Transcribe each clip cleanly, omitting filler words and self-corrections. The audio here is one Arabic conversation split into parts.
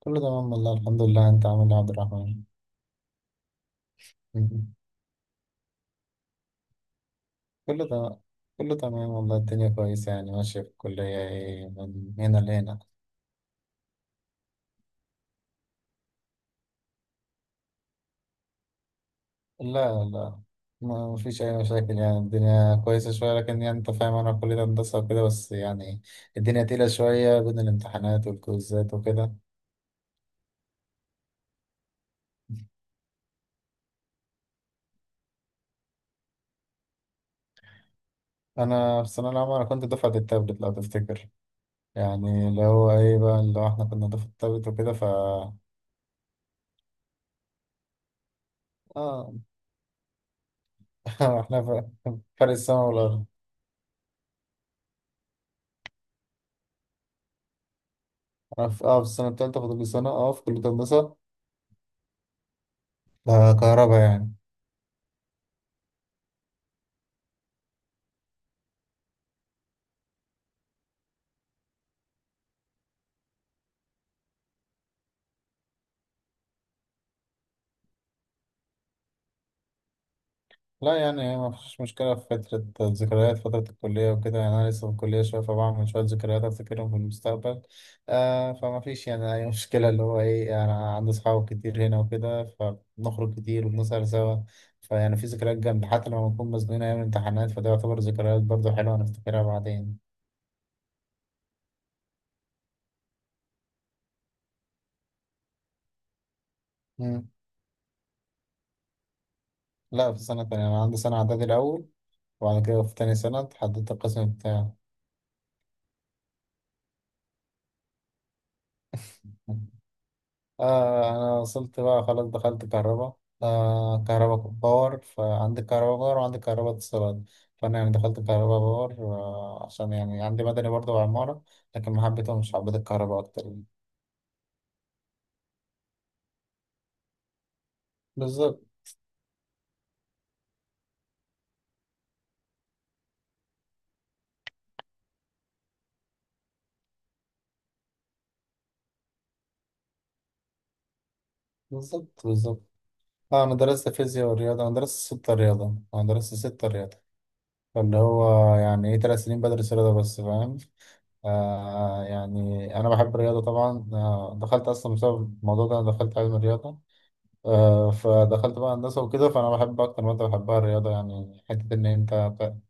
كله تمام والله، الحمد لله، انت عامل ايه يا عبد الرحمن؟ كله تمام. كله تمام والله، الدنيا كويسة يعني ماشية في الكلية. ايه من هنا لهنا. لا، لا، ما فيش أي مشاكل، يعني الدنيا كويسة شوية، لكن يعني أنت فاهم، أنا في كلية هندسة وكده، بس يعني الدنيا تقيلة شوية بين الامتحانات والكويزات وكده. أنا في الثانوية العامة، أنا كنت دفعة التابلت لو تفتكر. يعني اللي هو إيه بقى، اللي هو إحنا كنا دفعة التابلت وكده ف آه إحنا ف- فرق السما والأرض. أنا في السنة التالتة، فاضل لي سنة في كلية هندسة. ده كهرباء يعني. لا يعني ما فيش مشكلة، في فترة الذكريات، فترة الكلية وكده، يعني أنا لسه في الكلية شوية، فبعمل شوية ذكريات أفتكرهم في المستقبل. فما فيش يعني أي مشكلة، اللي هو إيه، أنا عندي أصحاب كتير هنا وكده، فبنخرج كتير وبنسهر سوا. فيعني في ذكريات جامدة، حتى لما بنكون مزنوقين أيام الامتحانات فده يعتبر ذكريات برضه حلوة هنفتكرها بعدين. مم. لا، في سنة تانية. أنا عندي سنة إعدادي الأول، وبعد كده في تاني سنة اتحددت القسم بتاعي. أنا وصلت بقى، خلاص دخلت كهرباء. كهرباء باور. فعندي كهرباء باور وعندي كهرباء اتصالات. فأنا يعني دخلت كهرباء باور، عشان يعني عندي مدني برضه وعمارة. لكن ما حبيتهمش، حبيت الكهرباء أكتر. بالظبط، بالظبط، بالظبط. أنا درست فيزياء ورياضة، أنا درست 6 رياضة، أنا درست 6 رياضة. فاللي هو يعني إيه، 3 سنين بدرس رياضة بس، فاهم. يعني أنا بحب الرياضة طبعا. دخلت أصلا بسبب الموضوع ده، أنا دخلت علم الرياضة. فدخلت بقى هندسة وكده، فأنا بحب أكتر مادة بحبها الرياضة، يعني حتة إن أنت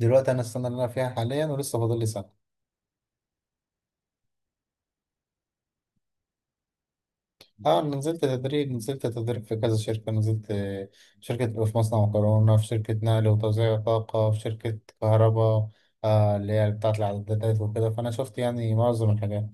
دلوقتي أنا السنة اللي أنا فيها حاليا، ولسه فاضل لي سنة. نزلت تدريب، نزلت تدريب في كذا شركة، نزلت شركة في مصنع مكرونة، في شركة نقل وتوزيع طاقة، في شركة كهرباء، اللي هي بتاعة الإعدادات وكده، فأنا شفت يعني معظم الحاجات.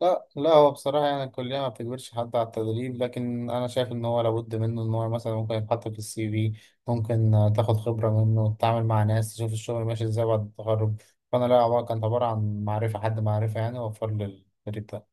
لا، لا، هو بصراحة يعني الكلية ما بتجبرش حد على التدريب، لكن أنا شايف إن هو لابد منه، إن هو مثلا ممكن يتحط في السي في. ممكن تاخد خبرة منه، تتعامل مع ناس، تشوف الشغل ماشي إزاي بعد التخرج. فأنا لا، عبارة كانت عبارة عن معرفة حد، معرفة يعني وفر لي التدريب ده.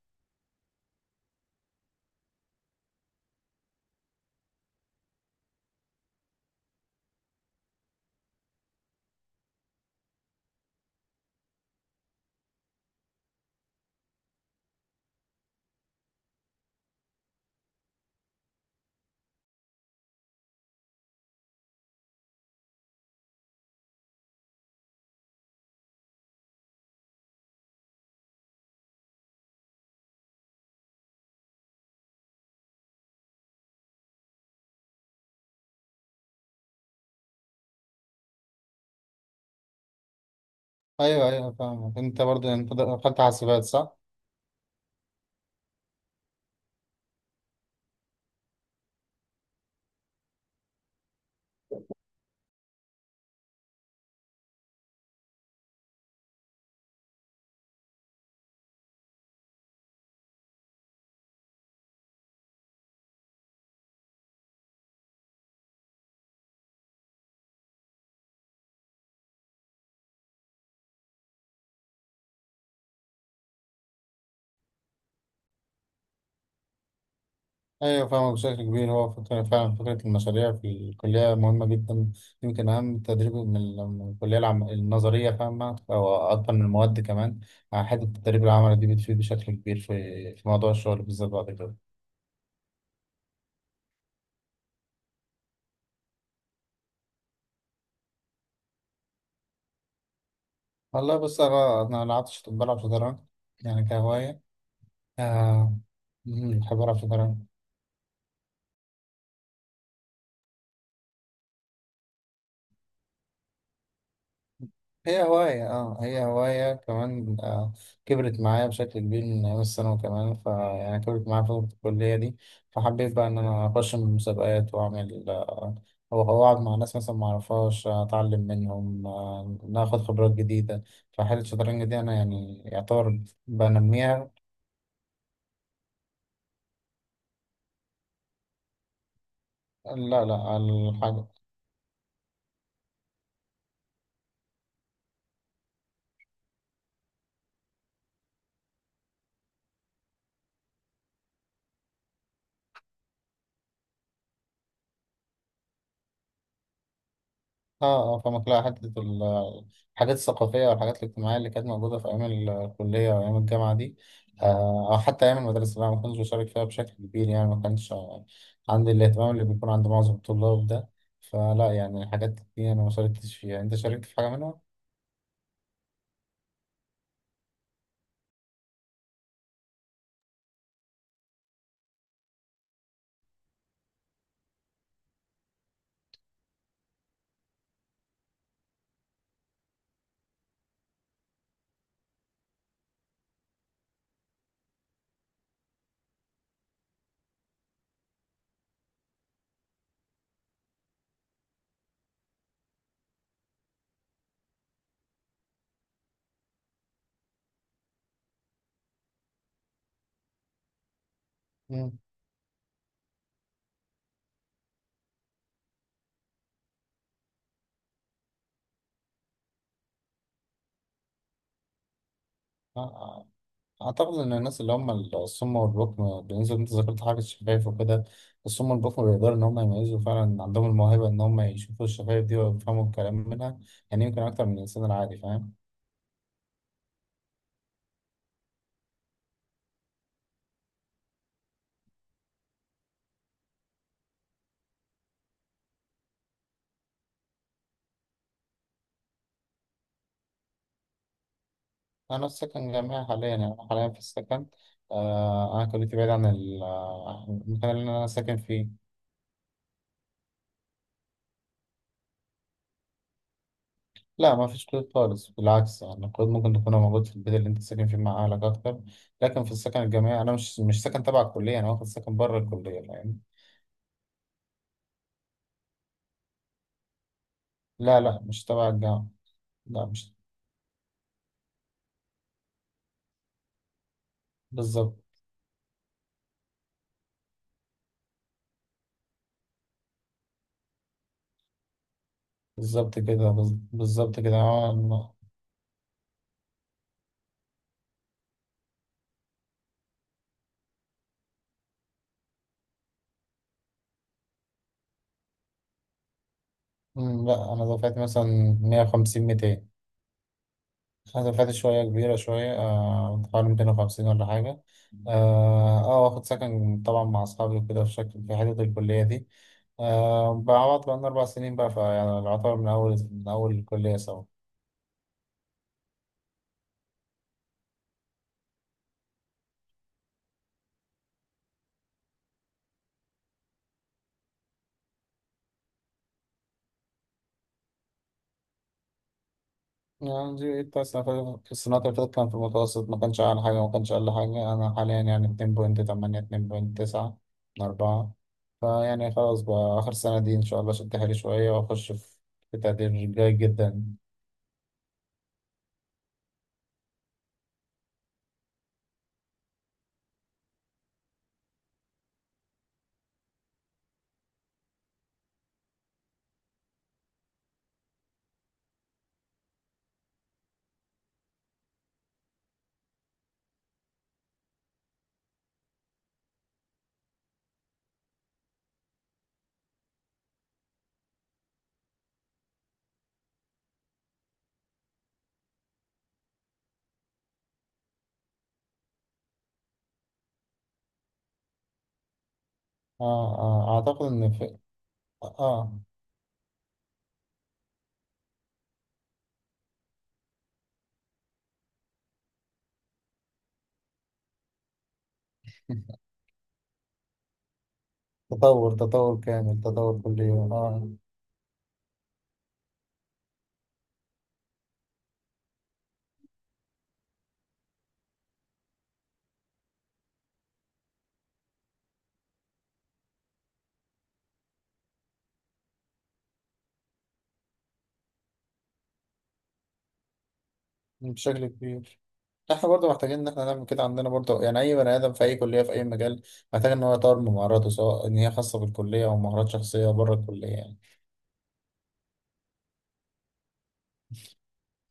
أيوه، أيوه، فاهم. أنت برضه أنت دخلت حاسبات صح؟ ايوه فاهمة بشكل كبير. هو فعلا فكرة المشاريع في الكلية مهمة جدا. يمكن أهم تدريب من الكلية النظرية، فاهمة، أو أكتر من المواد كمان. حتة التدريب العملي دي بتفيد بشكل كبير في موضوع الشغل بالذات بعد كده. والله بص، أنا ملعبتش، بلعب شطرنج يعني كهواية. آه. بحب ألعب شطرنج. هي هواية، هي هواية كمان. كبرت معايا بشكل كبير من أيام الثانوي كمان، فيعني كبرت معايا فترة الكلية دي. فحبيت بقى إن أنا أخش من مسابقات وأعمل، أو أقعد مع ناس مثلا معرفهاش، أتعلم منهم، ناخد خبرات جديدة. فحالة الشطرنج دي أنا يعني يعتبر بنميها. لا، لا. اه، اه، فما تلاقي حتة الحاجات الثقافية والحاجات الاجتماعية اللي كانت موجودة في أيام الكلية وأيام الجامعة دي. أو حتى أيام المدرسة، أنا ما كنتش بشارك فيها بشكل كبير، يعني ما كانش عندي الاهتمام اللي بيكون عند معظم الطلاب ده. فلا يعني الحاجات دي أنا ما شاركتش فيها. أنت شاركت في حاجة منها؟ مم. أعتقد إن الناس اللي هم الصم والبكم، بالنسبة إن أنت ذكرت حاجة الشفايف وكده، الصم والبكم بيقدروا إن هم يميزوا. فعلا عندهم الموهبة إن هم يشوفوا الشفايف دي ويفهموا الكلام منها. يعني يمكن أكتر من الإنسان العادي، فاهم. أنا في سكن جامعي حاليا، يعني أنا حاليا في السكن. أنا كليتي بعيد عن المكان اللي أنا ساكن فيه. لا، ما فيش قيود خالص، بالعكس يعني القيود ممكن تكون موجود في البيت اللي أنت ساكن فيه مع أهلك أكتر. لكن في السكن الجامعي أنا مش ساكن تبع الكلية، أنا واخد سكن بره الكلية، فاهم. لا، لا، مش تبع الجامعة. لا مش. بالظبط. بالظبط، كده، بالظبط كده، أنا. لا، أنا دفعت مثلا 150، 200. أنا دفعت شوية كبيرة شوية، حوالي 250 ولا حاجة. واخد سكن طبعا مع أصحابي وكده في شكل، في حتة الكلية دي. بقى عوض بقالنا 4 سنين بقى، فيعني العطار من أول، من أول الكلية سوا. يعني جي التاسع في السنة اللي فاتت كان في المتوسط، ما كانش أعلى حاجة ما كانش أقل حاجة. أنا حاليا يعني 2.8، 2.9، من 4. فيعني خلاص بقى، آخر سنة دي إن شاء الله شد حيلي شوية وأخش في تقدير جيد جدا. آه، آه، أعتقد إن في آه تطور، تطور كامل، تطور كل يوم، بشكل كبير. احنا برضه محتاجين ان احنا نعمل كده عندنا برضه، يعني اي بني ادم في اي كليه في اي مجال محتاج ان هو يطور من مهاراته، سواء ان هي خاصه بالكليه او مهارات شخصيه بره الكليه.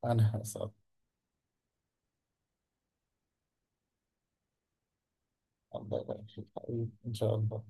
أنا هسأل. الله يبارك فيك حبيبي، إن شاء الله.